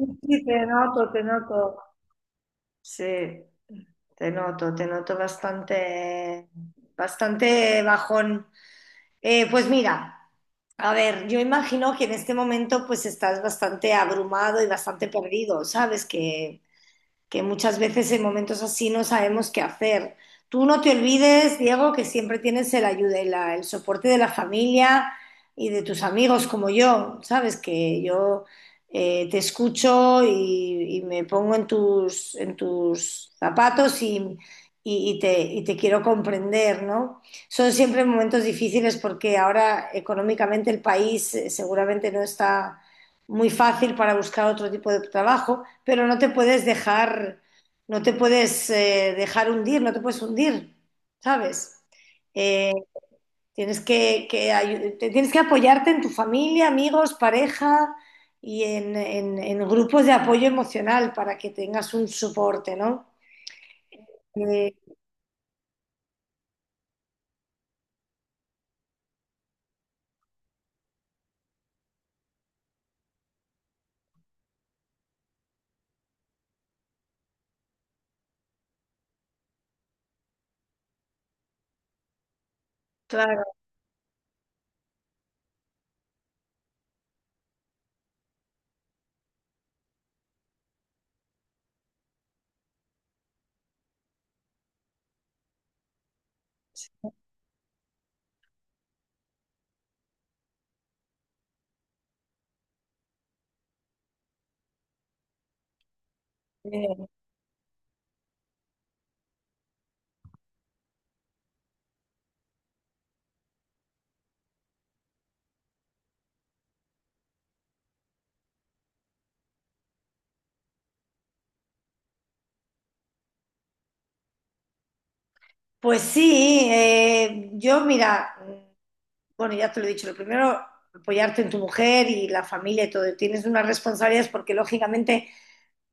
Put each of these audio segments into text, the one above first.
Sí, te noto, te noto. Sí, te noto bastante, bastante bajón. Pues mira, a ver, yo imagino que en este momento pues estás bastante abrumado y bastante perdido, ¿sabes? Que muchas veces en momentos así no sabemos qué hacer. Tú no te olvides, Diego, que siempre tienes el soporte de la familia y de tus amigos como yo, ¿sabes? Que yo te escucho y, me pongo en tus zapatos y, y te quiero comprender, ¿no? Son siempre momentos difíciles porque ahora económicamente el país seguramente no está muy fácil para buscar otro tipo de trabajo, pero no te puedes dejar, no te puedes dejar hundir, no te puedes hundir, ¿sabes? Eh, tienes que apoyarte en tu familia, amigos, pareja y en grupos de apoyo emocional para que tengas un soporte, ¿no? Eh, claro. eh, pues sí, yo mira. Bueno, ya te lo he dicho, lo primero, apoyarte en tu mujer y la familia y todo. Tienes unas responsabilidades porque lógicamente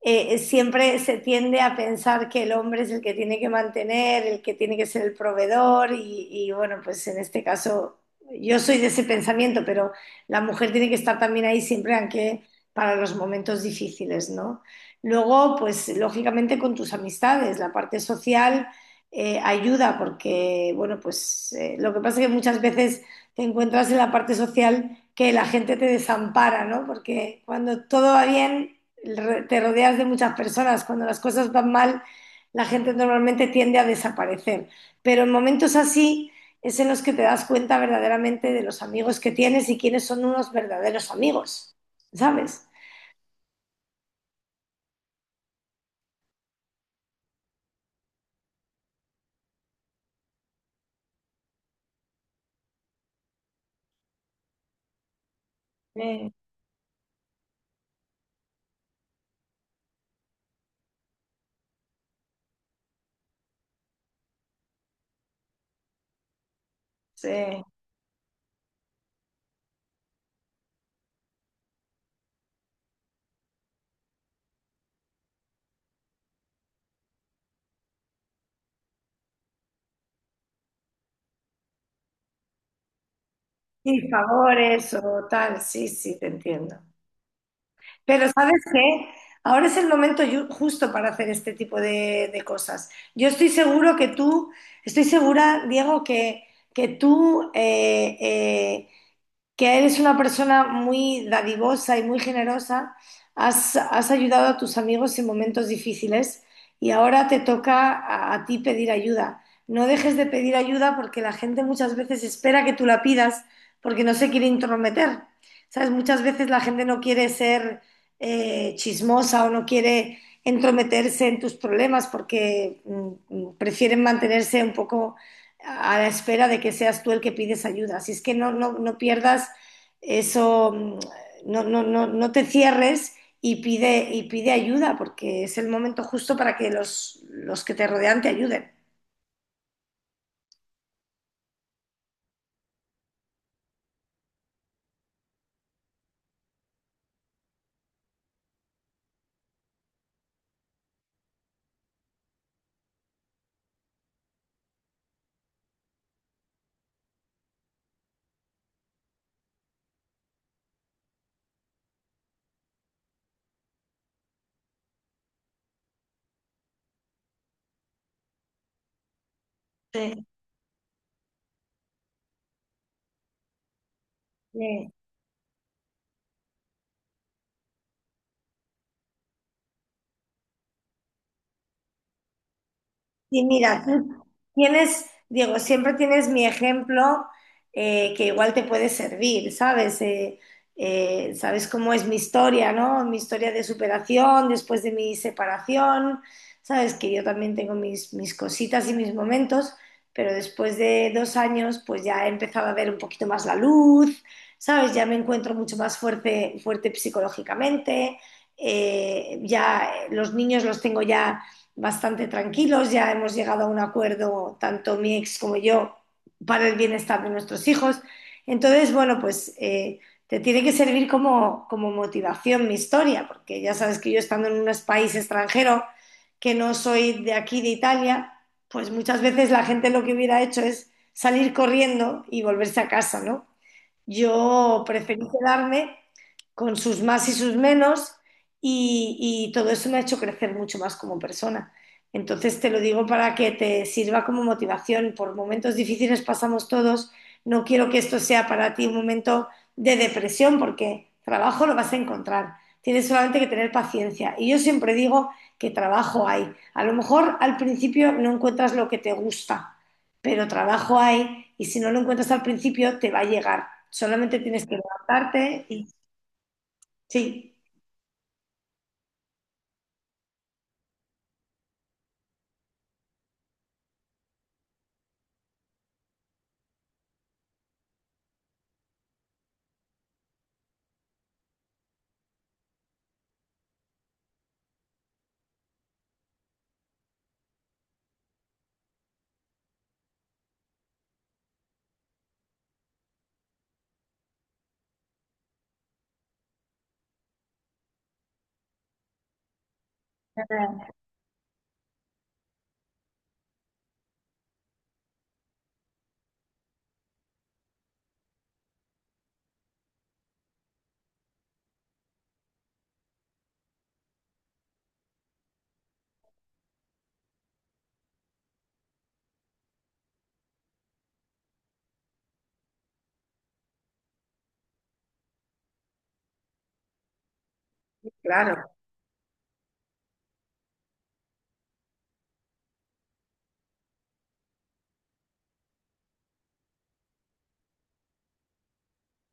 siempre se tiende a pensar que el hombre es el que tiene que mantener, el que tiene que ser el proveedor y bueno, pues en este caso yo soy de ese pensamiento, pero la mujer tiene que estar también ahí siempre, aunque para los momentos difíciles, ¿no? Luego, pues lógicamente con tus amistades, la parte social ayuda porque, bueno, pues lo que pasa es que muchas veces te encuentras en la parte social que la gente te desampara, ¿no? Porque cuando todo va bien te rodeas de muchas personas. Cuando las cosas van mal, la gente normalmente tiende a desaparecer. Pero en momentos así es en los que te das cuenta verdaderamente de los amigos que tienes y quiénes son unos verdaderos amigos, ¿sabes? Sí, sí. Sí, favores o tal, sí, sí, te entiendo. Pero ¿sabes qué? Ahora es el momento justo para hacer este tipo de cosas. Yo estoy seguro que tú, Estoy segura, Diego, que tú que eres una persona muy dadivosa y muy generosa, has ayudado a tus amigos en momentos difíciles y ahora te toca a ti pedir ayuda. No dejes de pedir ayuda porque la gente muchas veces espera que tú la pidas porque no se quiere intrometer. ¿Sabes? Muchas veces la gente no quiere ser chismosa o no quiere entrometerse en tus problemas porque prefieren mantenerse un poco a la espera de que seas tú el que pides ayuda. Así es que no pierdas eso, no te cierres y pide ayuda, porque es el momento justo para que los que te rodean te ayuden. Sí, sí. Y mira, tú tienes, Diego, siempre tienes mi ejemplo que igual te puede servir, ¿sabes? Sabes cómo es mi historia, ¿no? Mi historia de superación después de mi separación, ¿sabes? Que yo también tengo mis cositas y mis momentos, pero después de dos años pues ya he empezado a ver un poquito más la luz, ¿sabes? Ya me encuentro mucho más fuerte, fuerte psicológicamente, ya los niños los tengo ya bastante tranquilos, ya hemos llegado a un acuerdo, tanto mi ex como yo, para el bienestar de nuestros hijos. Entonces, bueno, pues te tiene que servir como, como motivación mi historia, porque ya sabes que yo estando en un país extranjero, que no soy de aquí, de Italia, pues muchas veces la gente lo que hubiera hecho es salir corriendo y volverse a casa, ¿no? Yo preferí quedarme con sus más y sus menos y, y todo eso me ha hecho crecer mucho más como persona. Entonces te lo digo para que te sirva como motivación. Por momentos difíciles pasamos todos. No quiero que esto sea para ti un momento de depresión porque trabajo lo vas a encontrar. Tienes solamente que tener paciencia. Y yo siempre digo que trabajo hay. A lo mejor al principio no encuentras lo que te gusta pero trabajo hay y si no lo encuentras al principio te va a llegar. Solamente tienes que levantarte y sí, claro.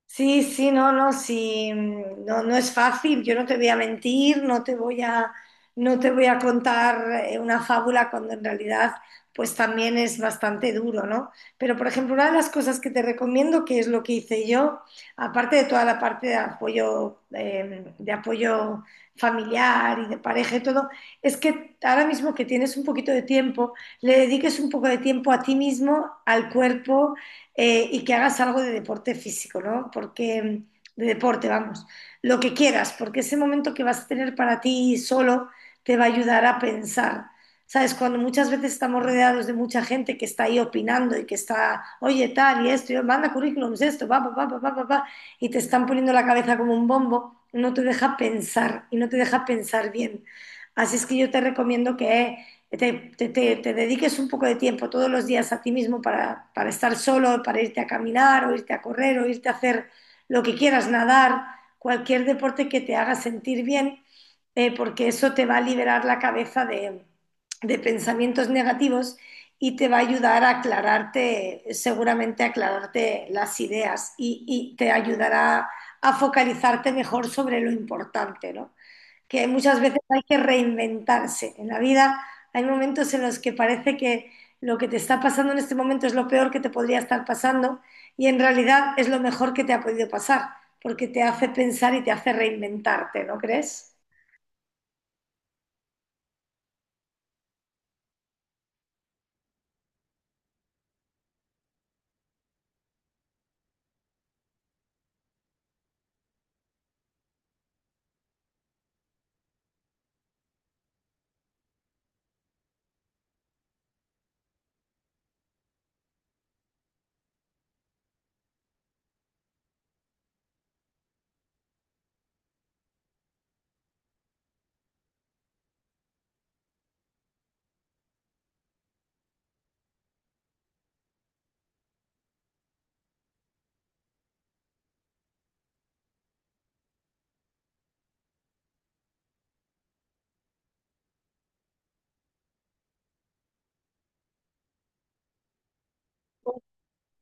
Sí, sí, no, no, sí, no, no es fácil, yo no te voy a mentir, no te no te voy a contar una fábula cuando en realidad pues también es bastante duro, ¿no? Pero por ejemplo, una de las cosas que te recomiendo, que es lo que hice yo, aparte de toda la parte de apoyo familiar y de pareja y todo, es que ahora mismo que tienes un poquito de tiempo, le dediques un poco de tiempo a ti mismo, al cuerpo y que hagas algo de deporte físico, ¿no? Porque, de deporte, vamos, lo que quieras, porque ese momento que vas a tener para ti solo te va a ayudar a pensar. ¿Sabes? Cuando muchas veces estamos rodeados de mucha gente que está ahí opinando y que está, oye, tal y esto, y manda currículums, esto, va, y te están poniendo la cabeza como un bombo, no te deja pensar y no te deja pensar bien. Así es que yo te recomiendo que te dediques un poco de tiempo todos los días a ti mismo para estar solo, para irte a caminar o irte a correr o irte a hacer lo que quieras, nadar, cualquier deporte que te haga sentir bien, porque eso te va a liberar la cabeza de pensamientos negativos y te va a ayudar a aclararte, seguramente a aclararte las ideas y te ayudará a focalizarte mejor sobre lo importante, ¿no? Que muchas veces hay que reinventarse. En la vida hay momentos en los que parece que lo que te está pasando en este momento es lo peor que te podría estar pasando y en realidad es lo mejor que te ha podido pasar, porque te hace pensar y te hace reinventarte, ¿no crees?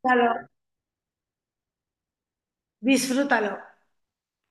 Claro, disfrútalo.